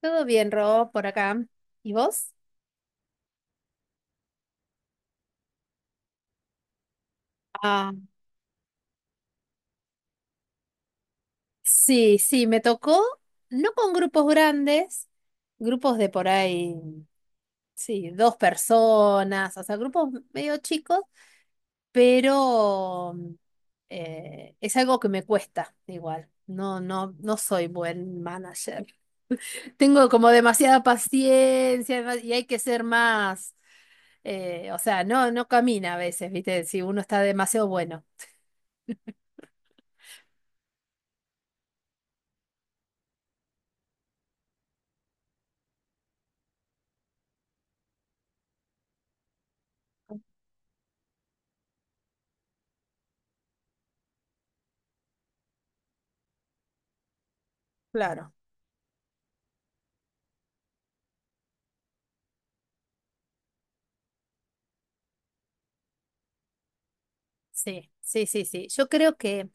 Todo bien, Rob, por acá. ¿Y vos? Ah, Sí, sí, me tocó, no con grupos grandes, grupos de por ahí, sí, dos personas, o sea, grupos medio chicos, pero es algo que me cuesta igual. No, no, no soy buen manager. Tengo como demasiada paciencia, ¿no? Y hay que ser más, o sea, no, no camina a veces, ¿viste? Si uno está demasiado bueno. Claro. Sí, sí, sí, sí. Yo creo que,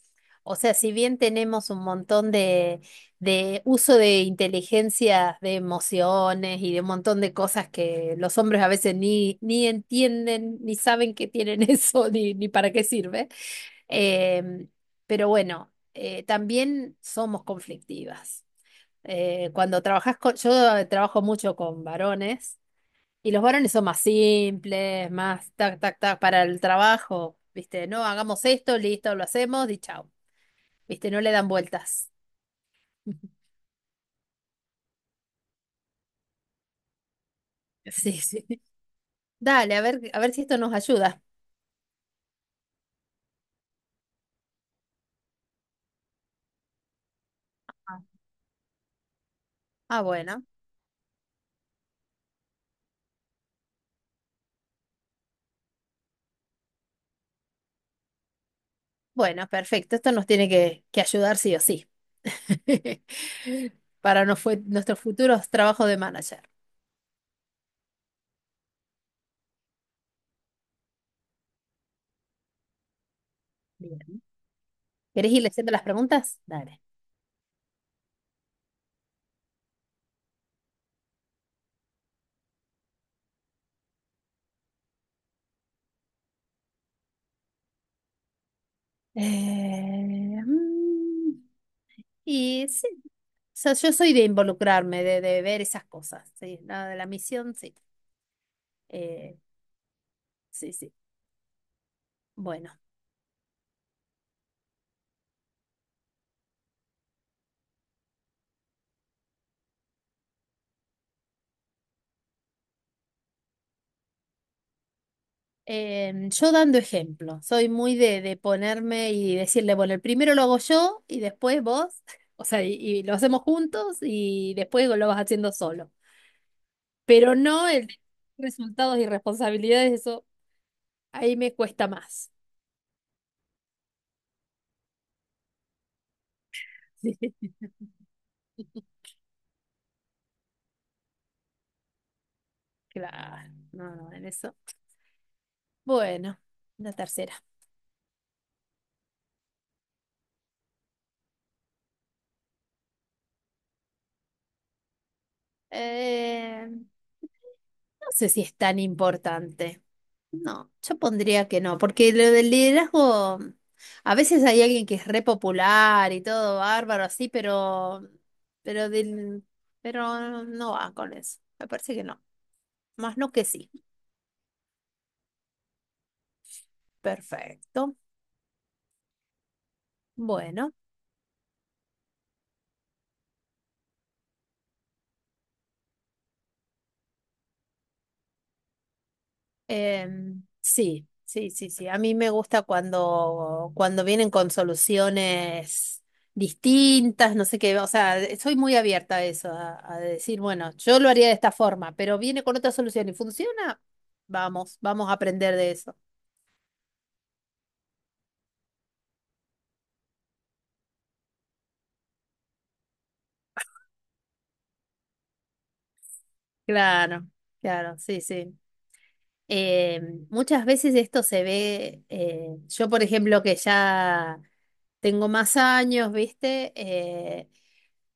o sea, si bien tenemos un montón de uso de inteligencias, de emociones y de un montón de cosas que los hombres a veces ni entienden, ni saben que tienen eso, ni para qué sirve. eh, pero bueno, también somos conflictivas. Cuando trabajas con, yo trabajo mucho con varones. Y los varones son más simples, más tac, tac, tac para el trabajo, ¿viste? No, hagamos esto, listo, lo hacemos y chao. ¿Viste? No le dan vueltas. Sí, sí. Dale, a ver si esto nos ayuda. Ah, bueno. Bueno, perfecto. Esto nos tiene que ayudar sí o sí. Para nos fue, nuestros futuros trabajos de manager. Bien. ¿Querés ir leyendo las preguntas? Dale. Eh, mm, Y sí. Sea, yo soy de involucrarme, de ver esas cosas, sí, la de la misión, sí. Eh, sí, sí. Bueno, yo dando ejemplo, soy muy de ponerme y decirle, bueno, el primero lo hago yo y después vos, o sea, y lo hacemos juntos y después lo vas haciendo solo. Pero no el de resultados y responsabilidades, eso ahí me cuesta más. Sí. Claro, no, no, en eso. Bueno, la tercera. No sé si es tan importante. No, yo pondría que no, porque lo del liderazgo, a veces hay alguien que es re popular y todo bárbaro así, pero del, pero no va con eso. Me parece que no. Más no que sí. Perfecto. Bueno. Sí, sí, sí, sí. A mí me gusta cuando, cuando vienen con soluciones distintas, no sé qué, o sea, soy muy abierta a eso, a decir, bueno, yo lo haría de esta forma, pero viene con otra solución y funciona, vamos, vamos a aprender de eso. Claro, claro, sí, sí. Muchas veces esto se ve, yo por ejemplo que ya tengo más años, ¿viste?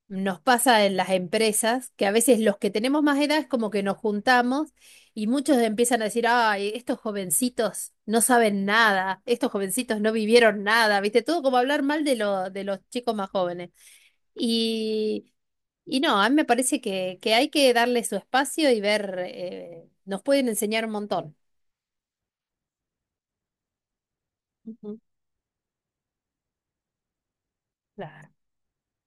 Nos pasa en las empresas que a veces los que tenemos más edad es como que nos juntamos y muchos empiezan a decir, ay, estos jovencitos no saben nada, estos jovencitos no vivieron nada, ¿viste? Todo como hablar mal de, lo- de los chicos más jóvenes. Y, y no, a mí me parece que hay que darle su espacio y ver, nos pueden enseñar un montón. Ujú, claro,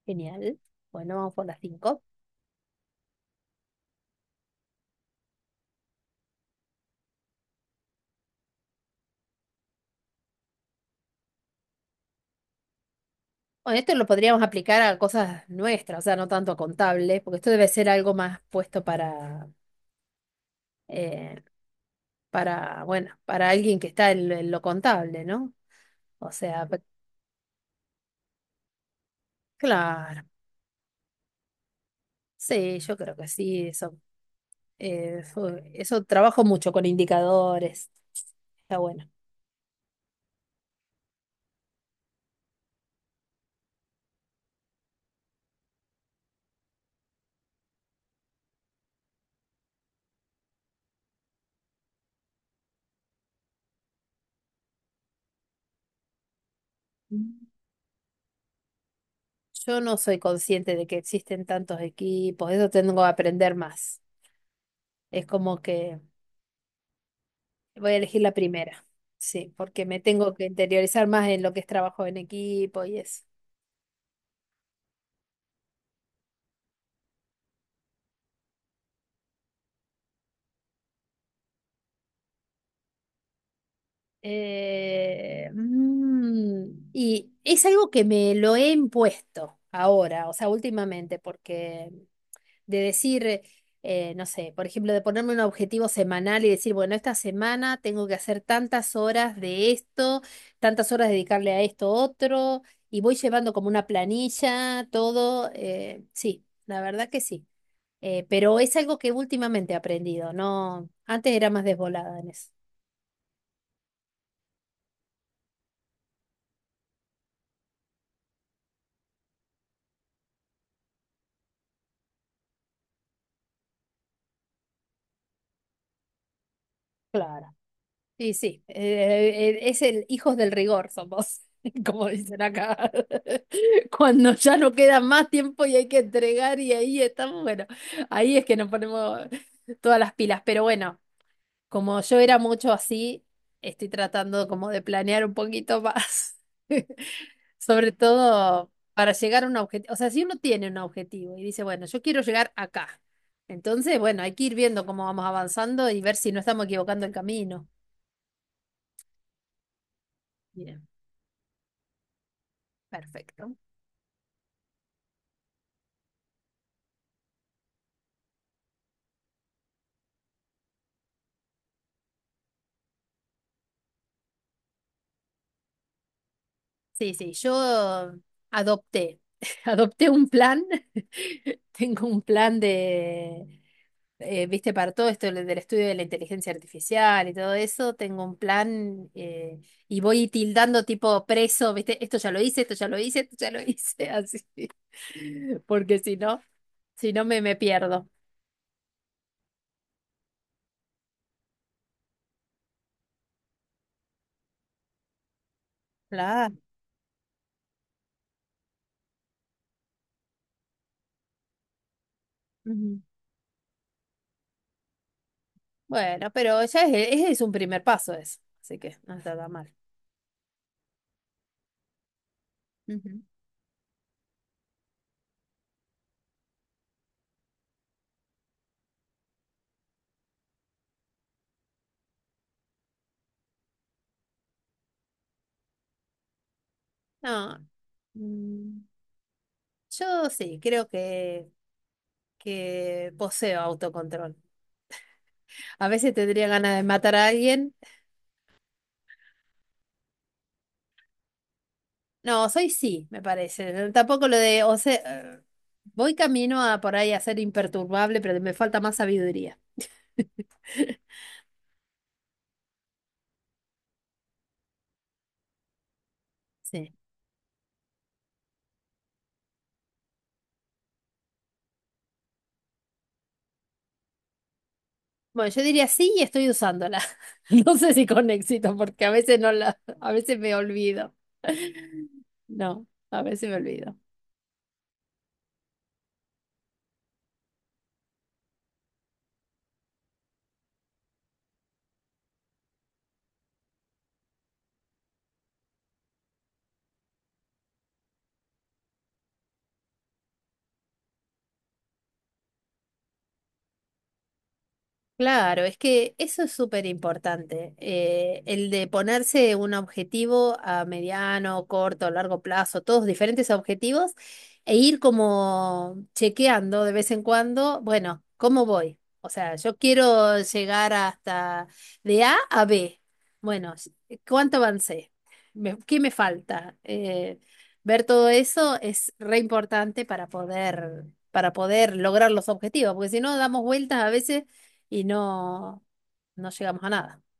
genial. Bueno, vamos por las cinco. Bueno, esto lo podríamos aplicar a cosas nuestras, o sea, no tanto a contables, porque esto debe ser algo más puesto eh, para, bueno, para alguien que está en lo contable, ¿no? O sea, pe- claro, sí, yo creo que sí, eso, eso, eso trabajo mucho con indicadores, está bueno. Mm. Yo no soy consciente de que existen tantos equipos, eso tengo que aprender más. Es como que voy a elegir la primera, sí, porque me tengo que interiorizar más en lo que es trabajo en equipo y eso. Y es algo que me lo he impuesto ahora, o sea, últimamente, porque de decir, no sé, por ejemplo, de ponerme un objetivo semanal y decir, bueno, esta semana tengo que hacer tantas horas de esto, tantas horas dedicarle a esto otro, y voy llevando como una planilla, todo, sí, la verdad que sí. Pero es algo que últimamente he aprendido, no, antes era más desvolada en eso. Claro. Y sí, es el hijos del rigor somos, como dicen acá. Cuando ya no queda más tiempo y hay que entregar y ahí estamos, bueno, ahí es que nos ponemos todas las pilas. Pero bueno, como yo era mucho así, estoy tratando como de planear un poquito más. Sobre todo para llegar a un objetivo. O sea, si uno tiene un objetivo y dice, bueno, yo quiero llegar acá. Entonces, bueno, hay que ir viendo cómo vamos avanzando y ver si no estamos equivocando el camino. Bien. Perfecto. Sí, sí, yo adopté, adopté un plan, tengo un plan de, viste, para todo esto del del estudio de la inteligencia artificial y todo eso, tengo un plan, y voy tildando tipo preso, viste, esto ya lo hice, esto ya lo hice, esto ya lo hice, así, porque si no, si no me, me pierdo. La, ujú. Bueno, pero ya es un primer paso eso, así que no está tan mal. Ujú. No. Mm. Yo sí, creo que poseo autocontrol. A veces tendría ganas de matar a alguien. No, soy sí, me parece. Tampoco lo de, o sea, eh, voy camino a por ahí a ser imperturbable, pero me falta más sabiduría. Sí. Bueno, yo diría sí y estoy usándola. No sé si con éxito, porque a veces no la, a veces me olvido. No, a veces me olvido. Claro, es que eso es súper importante, el de ponerse un objetivo a mediano, corto, largo plazo, todos diferentes objetivos, e ir como chequeando de vez en cuando, bueno, ¿cómo voy? O sea, yo quiero llegar hasta de A a B. Bueno, ¿cuánto avancé? Me- ¿qué me falta? Ver todo eso es re importante para poder lograr los objetivos, porque si no, damos vueltas a veces y no, no llegamos a nada.